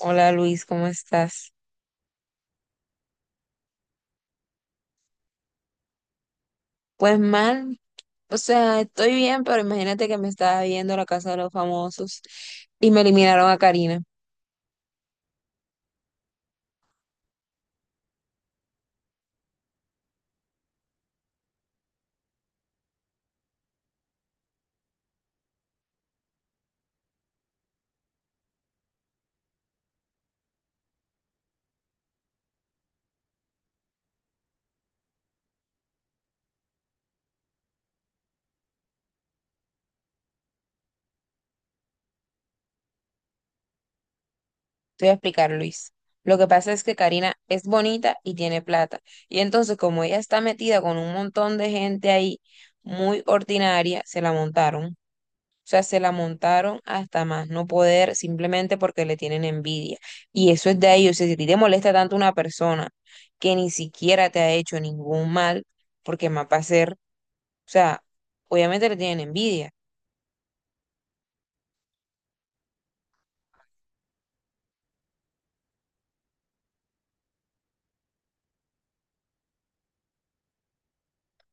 Hola Luis, ¿cómo estás? Pues mal, o sea, estoy bien, pero imagínate que me estaba viendo La Casa de los Famosos y me eliminaron a Karina. Te voy a explicar, Luis. Lo que pasa es que Karina es bonita y tiene plata. Y entonces, como ella está metida con un montón de gente ahí muy ordinaria, se la montaron. O sea, se la montaron hasta más no poder simplemente porque le tienen envidia. Y eso es de ellos. O sea, si a ti te molesta tanto una persona que ni siquiera te ha hecho ningún mal, porque más va a ser, o sea, obviamente le tienen envidia.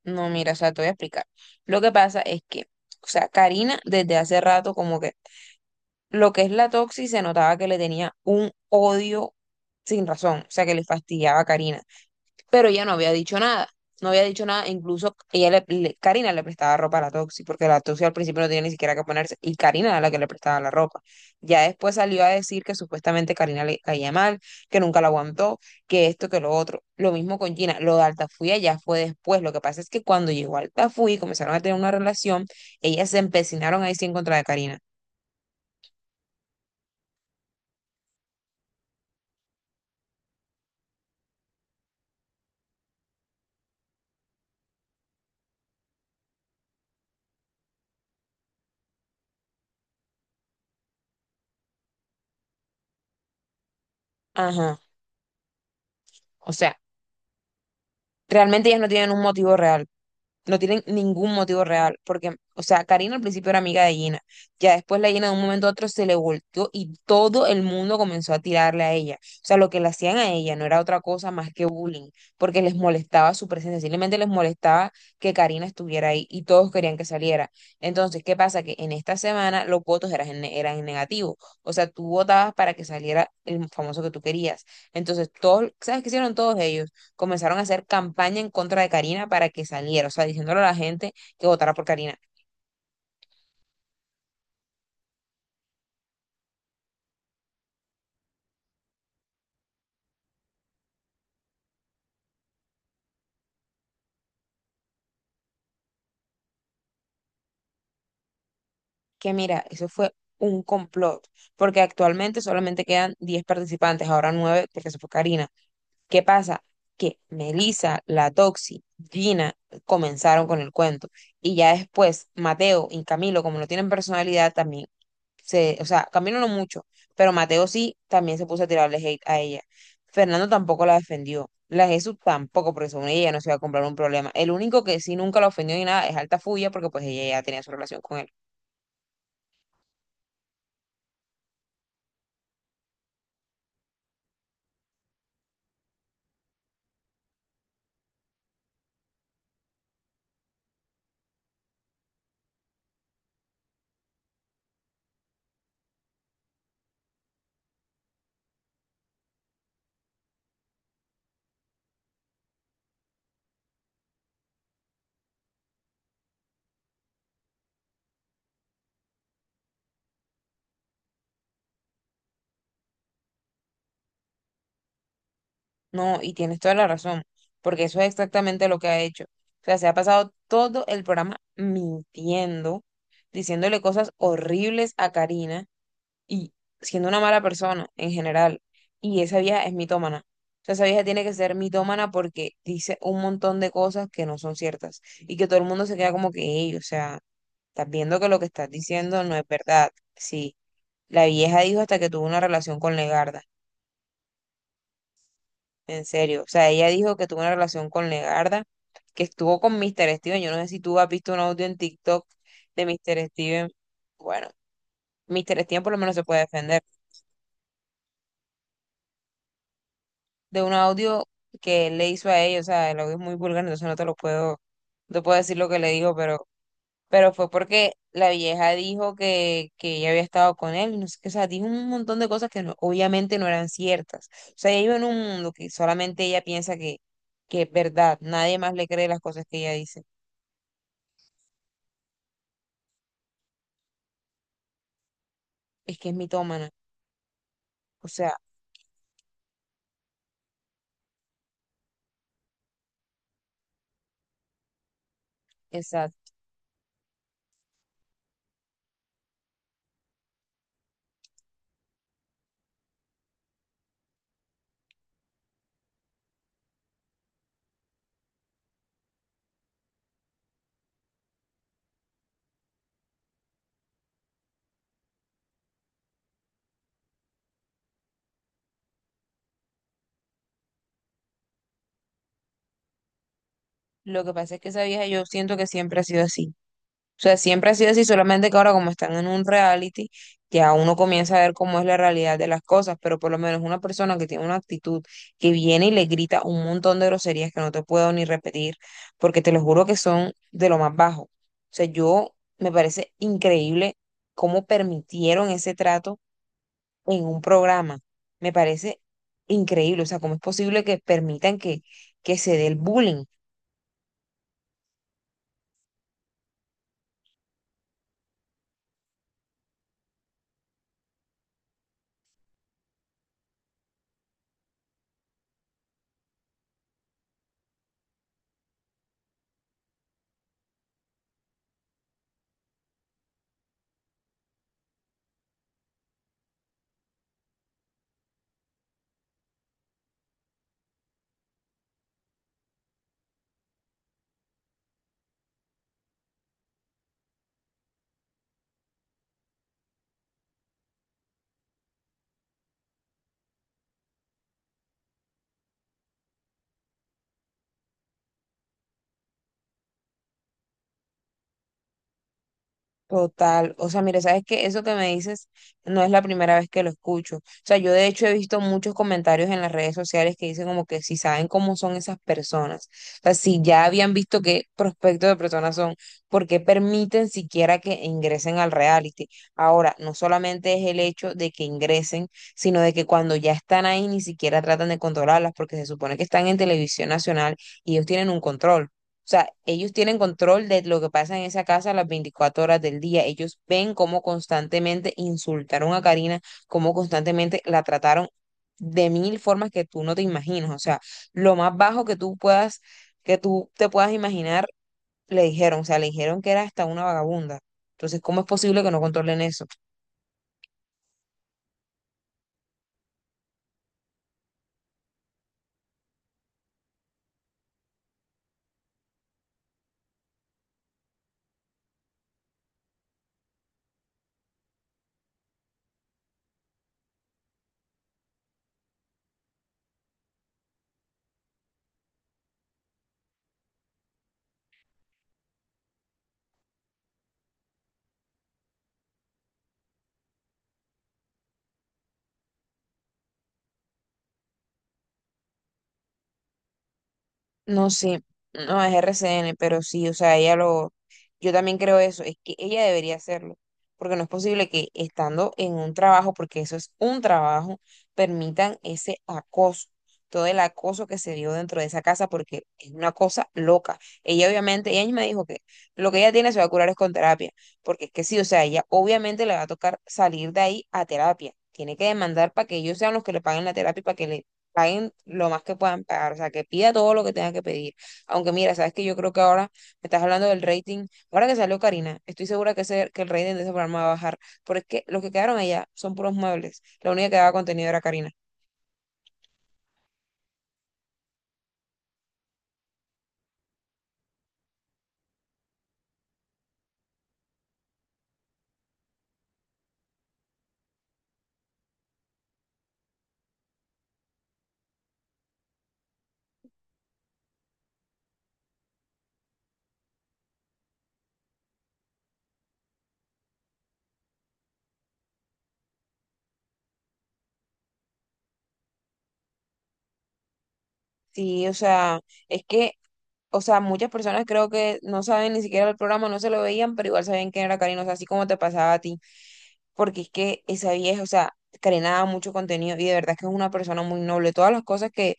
No, mira, o sea, te voy a explicar. Lo que pasa es que, o sea, Karina desde hace rato como que lo que es la Toxi se notaba que le tenía un odio sin razón, o sea, que le fastidiaba a Karina. Pero ella no había dicho nada, no había dicho nada, Incluso Karina le prestaba ropa a la Toxi, porque la Toxi al principio no tenía ni siquiera que ponerse, y Karina era la que le prestaba la ropa. Ya después salió a decir que supuestamente Karina le caía mal, que nunca la aguantó, que esto, que lo otro. Lo mismo con Gina. Lo de Altafulla ya fue después, lo que pasa es que cuando llegó Altafulla y comenzaron a tener una relación, ellas se empecinaron ahí sí en contra de Karina. Ajá. O sea, realmente ellas no tienen un motivo real, no tienen ningún motivo real, porque, o sea, Karina al principio era amiga de Gina, ya después la Gina de un momento a otro se le volteó y todo el mundo comenzó a tirarle a ella. O sea, lo que le hacían a ella no era otra cosa más que bullying, porque les molestaba su presencia, simplemente les molestaba que Karina estuviera ahí y todos querían que saliera. Entonces, ¿qué pasa? Que en esta semana los votos eran, eran en negativo, o sea, tú votabas para que saliera el famoso que tú querías. Entonces, todos, ¿sabes qué hicieron todos ellos? Comenzaron a hacer campaña en contra de Karina para que saliera, o sea, diciéndole a la gente que votara por Karina. Que mira, eso fue un complot, porque actualmente solamente quedan 10 participantes, ahora 9, porque se fue Karina. ¿Qué pasa? Que Melissa, la Toxi, Gina comenzaron con el cuento y ya después Mateo y Camilo, como no tienen personalidad, también se, o sea, Camilo no mucho, pero Mateo sí también se puso a tirarle hate a ella. Fernando tampoco la defendió. La Jesús tampoco, porque según ella no se iba a comprar un problema. El único que sí nunca la ofendió ni nada es Alta Fuya, porque pues ella ya tenía su relación con él. No, y tienes toda la razón, porque eso es exactamente lo que ha hecho. O sea, se ha pasado todo el programa mintiendo, diciéndole cosas horribles a Karina y siendo una mala persona en general. Y esa vieja es mitómana. O sea, esa vieja tiene que ser mitómana porque dice un montón de cosas que no son ciertas y que todo el mundo se queda como que, "Ey, o sea, estás viendo que lo que estás diciendo no es verdad". Sí, la vieja dijo hasta que tuvo una relación con Legarda, en serio. O sea, ella dijo que tuvo una relación con Legarda, que estuvo con Mr. Steven. Yo no sé si tú has visto un audio en TikTok de Mr. Steven. Bueno, Mr. Steven por lo menos se puede defender de un audio que él le hizo a ella, o sea, el audio es muy vulgar, entonces no puedo decir lo que le dijo, pero fue porque la vieja dijo que ella había estado con él, y no sé qué, o sea, dijo un montón de cosas que no- obviamente no eran ciertas. O sea, ella vive en un mundo que solamente ella piensa que es verdad, nadie más le cree las cosas que ella dice. Es que es mitómana, o sea, exacto. Lo que pasa es que esa vieja yo siento que siempre ha sido así. O sea, siempre ha sido así, solamente que ahora como están en un reality, ya uno comienza a ver cómo es la realidad de las cosas, pero por lo menos una persona que tiene una actitud que viene y le grita un montón de groserías que no te puedo ni repetir, porque te lo juro que son de lo más bajo. O sea, yo me parece increíble cómo permitieron ese trato en un programa. Me parece increíble, o sea, cómo es posible que permitan que se dé el bullying. Total, o sea, mire, sabes que eso que me dices no es la primera vez que lo escucho. O sea, yo de hecho he visto muchos comentarios en las redes sociales que dicen como que si saben cómo son esas personas, o sea, si ya habían visto qué prospecto de personas son, ¿por qué permiten siquiera que ingresen al reality? Ahora, no solamente es el hecho de que ingresen, sino de que cuando ya están ahí ni siquiera tratan de controlarlas porque se supone que están en televisión nacional y ellos tienen un control. O sea, ellos tienen control de lo que pasa en esa casa las 24 horas del día. Ellos ven cómo constantemente insultaron a Karina, cómo constantemente la trataron de mil formas que tú no te imaginas. O sea, lo más bajo que tú puedas, que tú te puedas imaginar, le dijeron. O sea, le dijeron que era hasta una vagabunda. Entonces, ¿cómo es posible que no controlen eso? No, sí, no es RCN, pero sí, o sea, yo también creo eso, es que ella debería hacerlo, porque no es posible que estando en un trabajo, porque eso es un trabajo, permitan ese acoso, todo el acoso que se dio dentro de esa casa, porque es una cosa loca. Ella obviamente, ella me dijo que lo que ella tiene se va a curar es con terapia, porque es que sí, o sea, ella obviamente le va a tocar salir de ahí a terapia. Tiene que demandar para que ellos sean los que le paguen la terapia y para que le paguen lo más que puedan pagar, o sea, que pida todo lo que tenga que pedir. Aunque mira, sabes que yo creo que ahora me estás hablando del rating, ahora que salió Karina, estoy segura que, ese, que el rating de ese programa va a bajar, porque es que los que quedaron allá son puros muebles, la única que daba contenido era Karina. Sí, o sea, es que, o sea, muchas personas creo que no saben ni siquiera el programa, no se lo veían, pero igual sabían quién era Karina, o sea, así como te pasaba a ti, porque es que esa vieja, o sea, Karina daba mucho contenido y de verdad que es una persona muy noble, todas las cosas que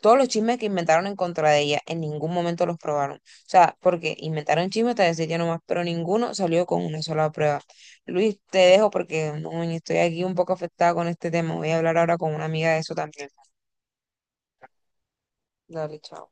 todos los chismes que inventaron en contra de ella, en ningún momento los probaron. O sea, porque inventaron chismes hasta decir ya nomás, pero ninguno salió con una sola prueba. Luis, te dejo porque no, estoy aquí un poco afectada con este tema. Voy a hablar ahora con una amiga de eso también. Dale, chao.